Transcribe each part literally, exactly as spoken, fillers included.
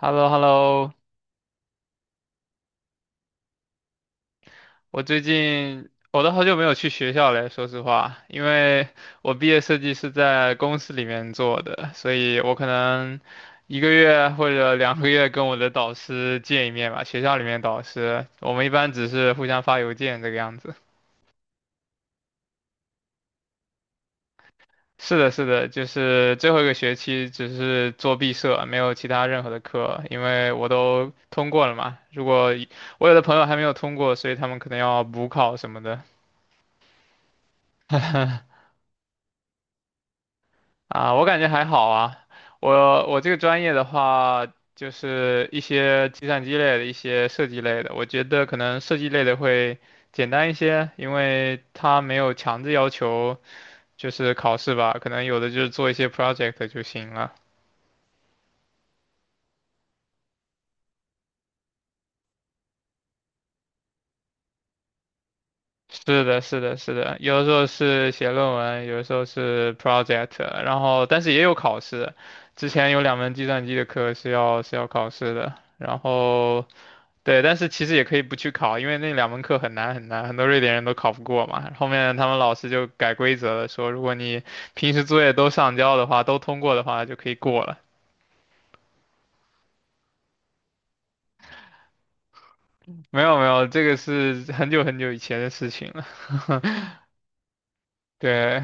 h e l l o h e l l o。 我最近我都好久没有去学校了，说实话，因为我毕业设计是在公司里面做的，所以我可能一个月或者两个月跟我的导师见一面吧，学校里面导师，我们一般只是互相发邮件这个样子。是的，是的，就是最后一个学期只是做毕设，没有其他任何的课，因为我都通过了嘛。如果我有的朋友还没有通过，所以他们可能要补考什么的。啊，我感觉还好啊。我我这个专业的话，就是一些计算机类的一些设计类的，我觉得可能设计类的会简单一些，因为它没有强制要求就是考试吧，可能有的就是做一些 project 就行了。是的，是的，是的，有的时候是写论文，有的时候是 project，然后但是也有考试。之前有两门计算机的课是要是要考试的，然后。对，但是其实也可以不去考，因为那两门课很难很难，很多瑞典人都考不过嘛。后面他们老师就改规则了，说如果你平时作业都上交的话，都通过的话就可以过了。没有没有，这个是很久很久以前的事情了。对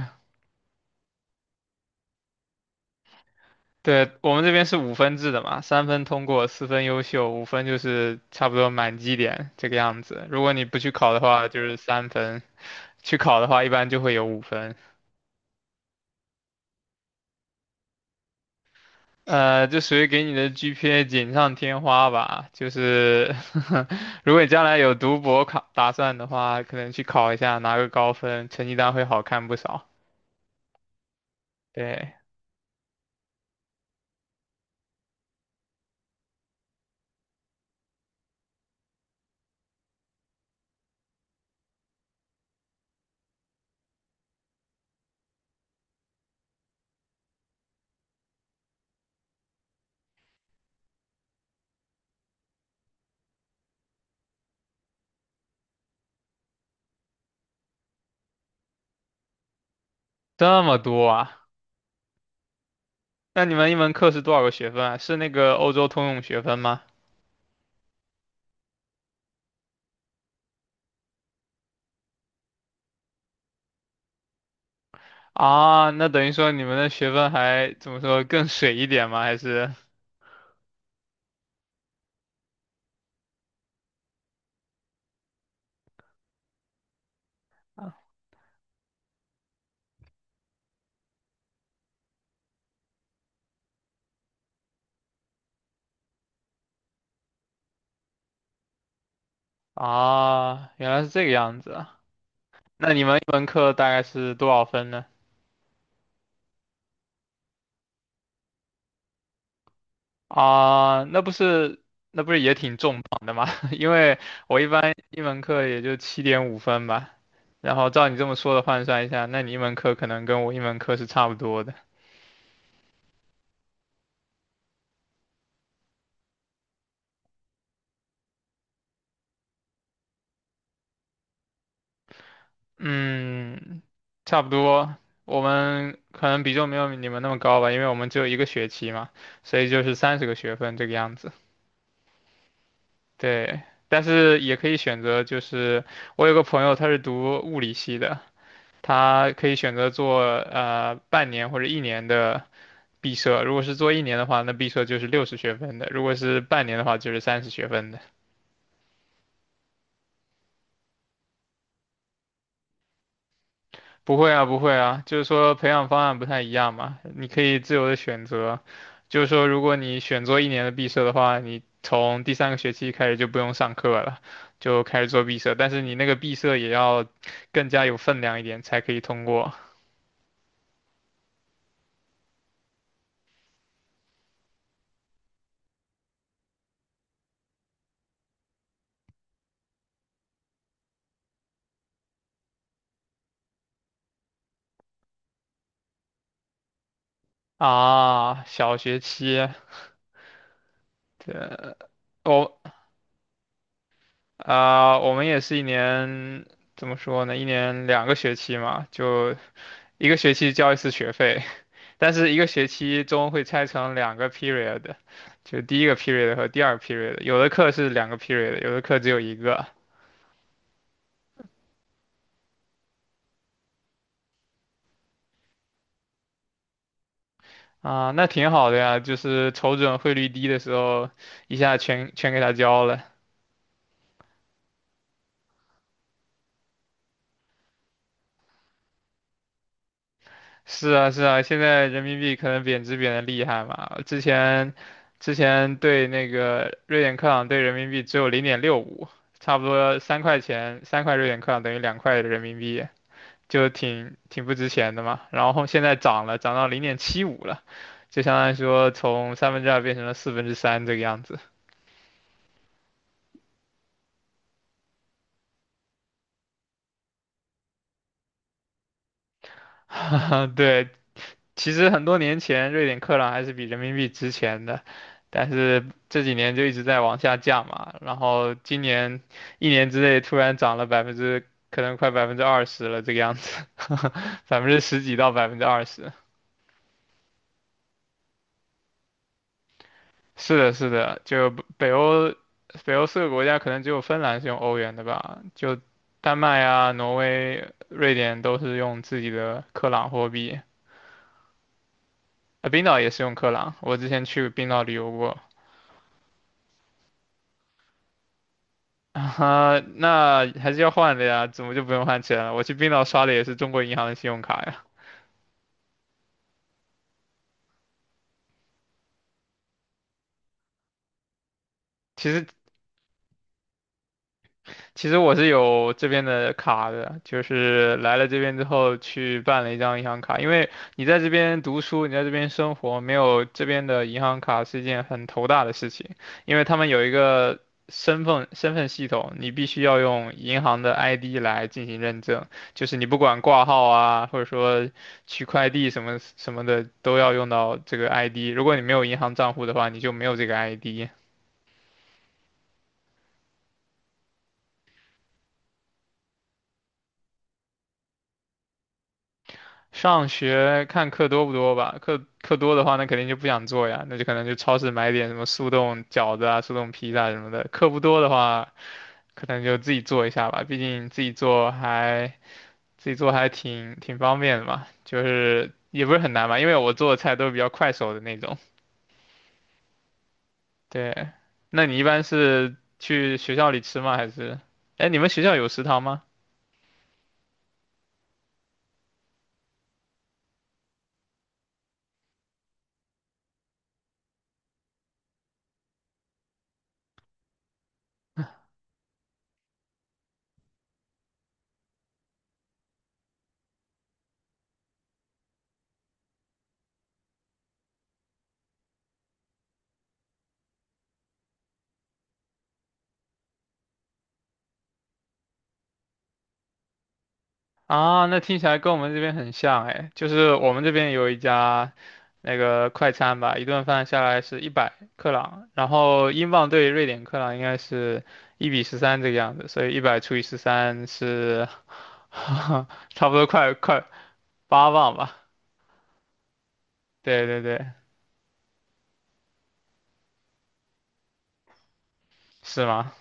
对，我们这边是五分制的嘛，三分通过，四分优秀，五分就是差不多满绩点这个样子。如果你不去考的话，就是三分；去考的话，一般就会有五分。呃，这属于给你的 G P A 锦上添花吧。就是 如果你将来有读博考打算的话，可能去考一下，拿个高分，成绩单会好看不少。对，这么多啊？那你们一门课是多少个学分啊？是那个欧洲通用学分吗？啊，那等于说你们的学分还怎么说更水一点吗？还是啊，原来是这个样子啊。那你们一门课大概是多少分呢？啊，那不是那不是也挺重磅的吗？因为我一般一门课也就七点五分吧，然后照你这么说的换算一下，那你一门课可能跟我一门课是差不多的。嗯，差不多。我们可能比重没有你们那么高吧，因为我们只有一个学期嘛，所以就是三十个学分这个样子。对，但是也可以选择，就是我有个朋友他是读物理系的，他可以选择做呃半年或者一年的。毕设，如果是做一年的话，那毕设就是六十学分的；如果是半年的话，就是三十学分的。不会啊，不会啊，就是说培养方案不太一样嘛，你可以自由的选择。就是说，如果你选做一年的毕设的话，你从第三个学期开始就不用上课了，就开始做毕设。但是你那个毕设也要更加有分量一点才可以通过啊。小学期，对，我、啊、我们也是一年，怎么说呢？一年两个学期嘛，就一个学期交一次学费，但是一个学期中会拆成两个 period，就第一个 period 和第二个 period，有的课是两个 period，有的课只有一个。啊，那挺好的呀，就是瞅准汇率低的时候，一下全全给它交了。是啊，是啊，现在人民币可能贬值贬得厉害嘛，之前之前对那个瑞典克朗兑人民币只有零点六五，差不多三块钱，三块瑞典克朗等于两块人民币。就挺挺不值钱的嘛。然后后现在涨了，涨到零点七五了，就相当于说从三分之二变成了四分之三这个样子。对，其实很多年前瑞典克朗还是比人民币值钱的，但是这几年就一直在往下降嘛。然后今年一年之内突然涨了百分之，可能快百分之二十了这个样子，百分之十几到百分之二十。是的，是的，就北北欧，北欧四个国家可能只有芬兰是用欧元的吧，就丹麦啊、挪威、瑞典都是用自己的克朗货币，啊，冰岛也是用克朗，我之前去冰岛旅游过，啊，那还是要换的呀，怎么就不用换钱了？我去冰岛刷的也是中国银行的信用卡呀。其实其实我是有这边的卡的，就是来了这边之后去办了一张银行卡，因为你在这边读书，你在这边生活，没有这边的银行卡是一件很头大的事情，因为他们有一个身份身份系统，你必须要用银行的 I D 来进行认证，就是你不管挂号啊，或者说取快递什么什么的，都要用到这个 I D，如果你没有银行账户的话，你就没有这个 I D。上学看课多不多吧，课课多的话，那肯定就不想做呀，那就可能就超市买点什么速冻饺子啊、速冻披萨什么的。课不多的话，可能就自己做一下吧，毕竟自己做还自己做还挺挺方便的嘛，就是也不是很难嘛，因为我做的菜都是比较快手的那种。对，那你一般是去学校里吃吗？还是，哎，你们学校有食堂吗？啊，那听起来跟我们这边很像哎，就是我们这边有一家那个快餐吧，一顿饭下来是一百克朗，然后英镑对瑞典克朗应该是一比十三这个样子，所以一百除以十三是 差不多快快八磅吧？对对对，是吗？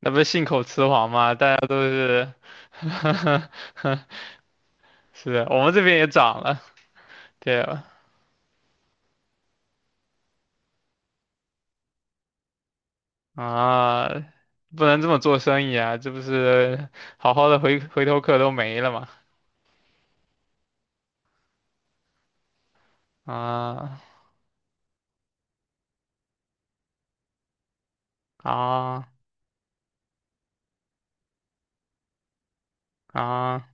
那不是信口雌黄吗？大家都是，是的，我们这边也涨了，对啊，不能这么做生意啊，这不是好好的回回头客都没了吗？啊啊啊！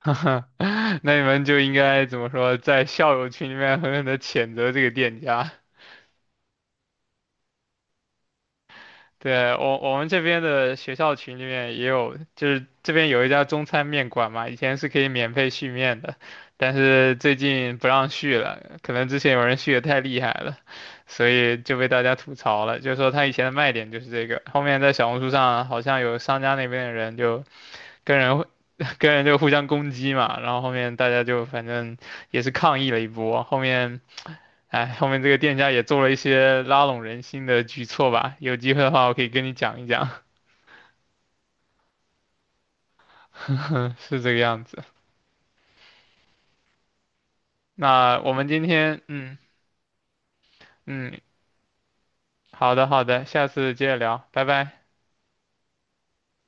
那你们就应该怎么说，在校友群里面狠狠的谴责这个店家。对，我我们这边的学校群里面也有，就是这边有一家中餐面馆嘛，以前是可以免费续面的，但是最近不让续了，可能之前有人续的太厉害了，所以就被大家吐槽了，就是说他以前的卖点就是这个，后面在小红书上好像有商家那边的人就跟人 跟人就互相攻击嘛，然后后面大家就反正也是抗议了一波，后面。哎，后面这个店家也做了一些拉拢人心的举措吧，有机会的话我可以跟你讲一讲，是这个样子。那我们今天，嗯嗯，好的好的，下次接着聊，拜拜。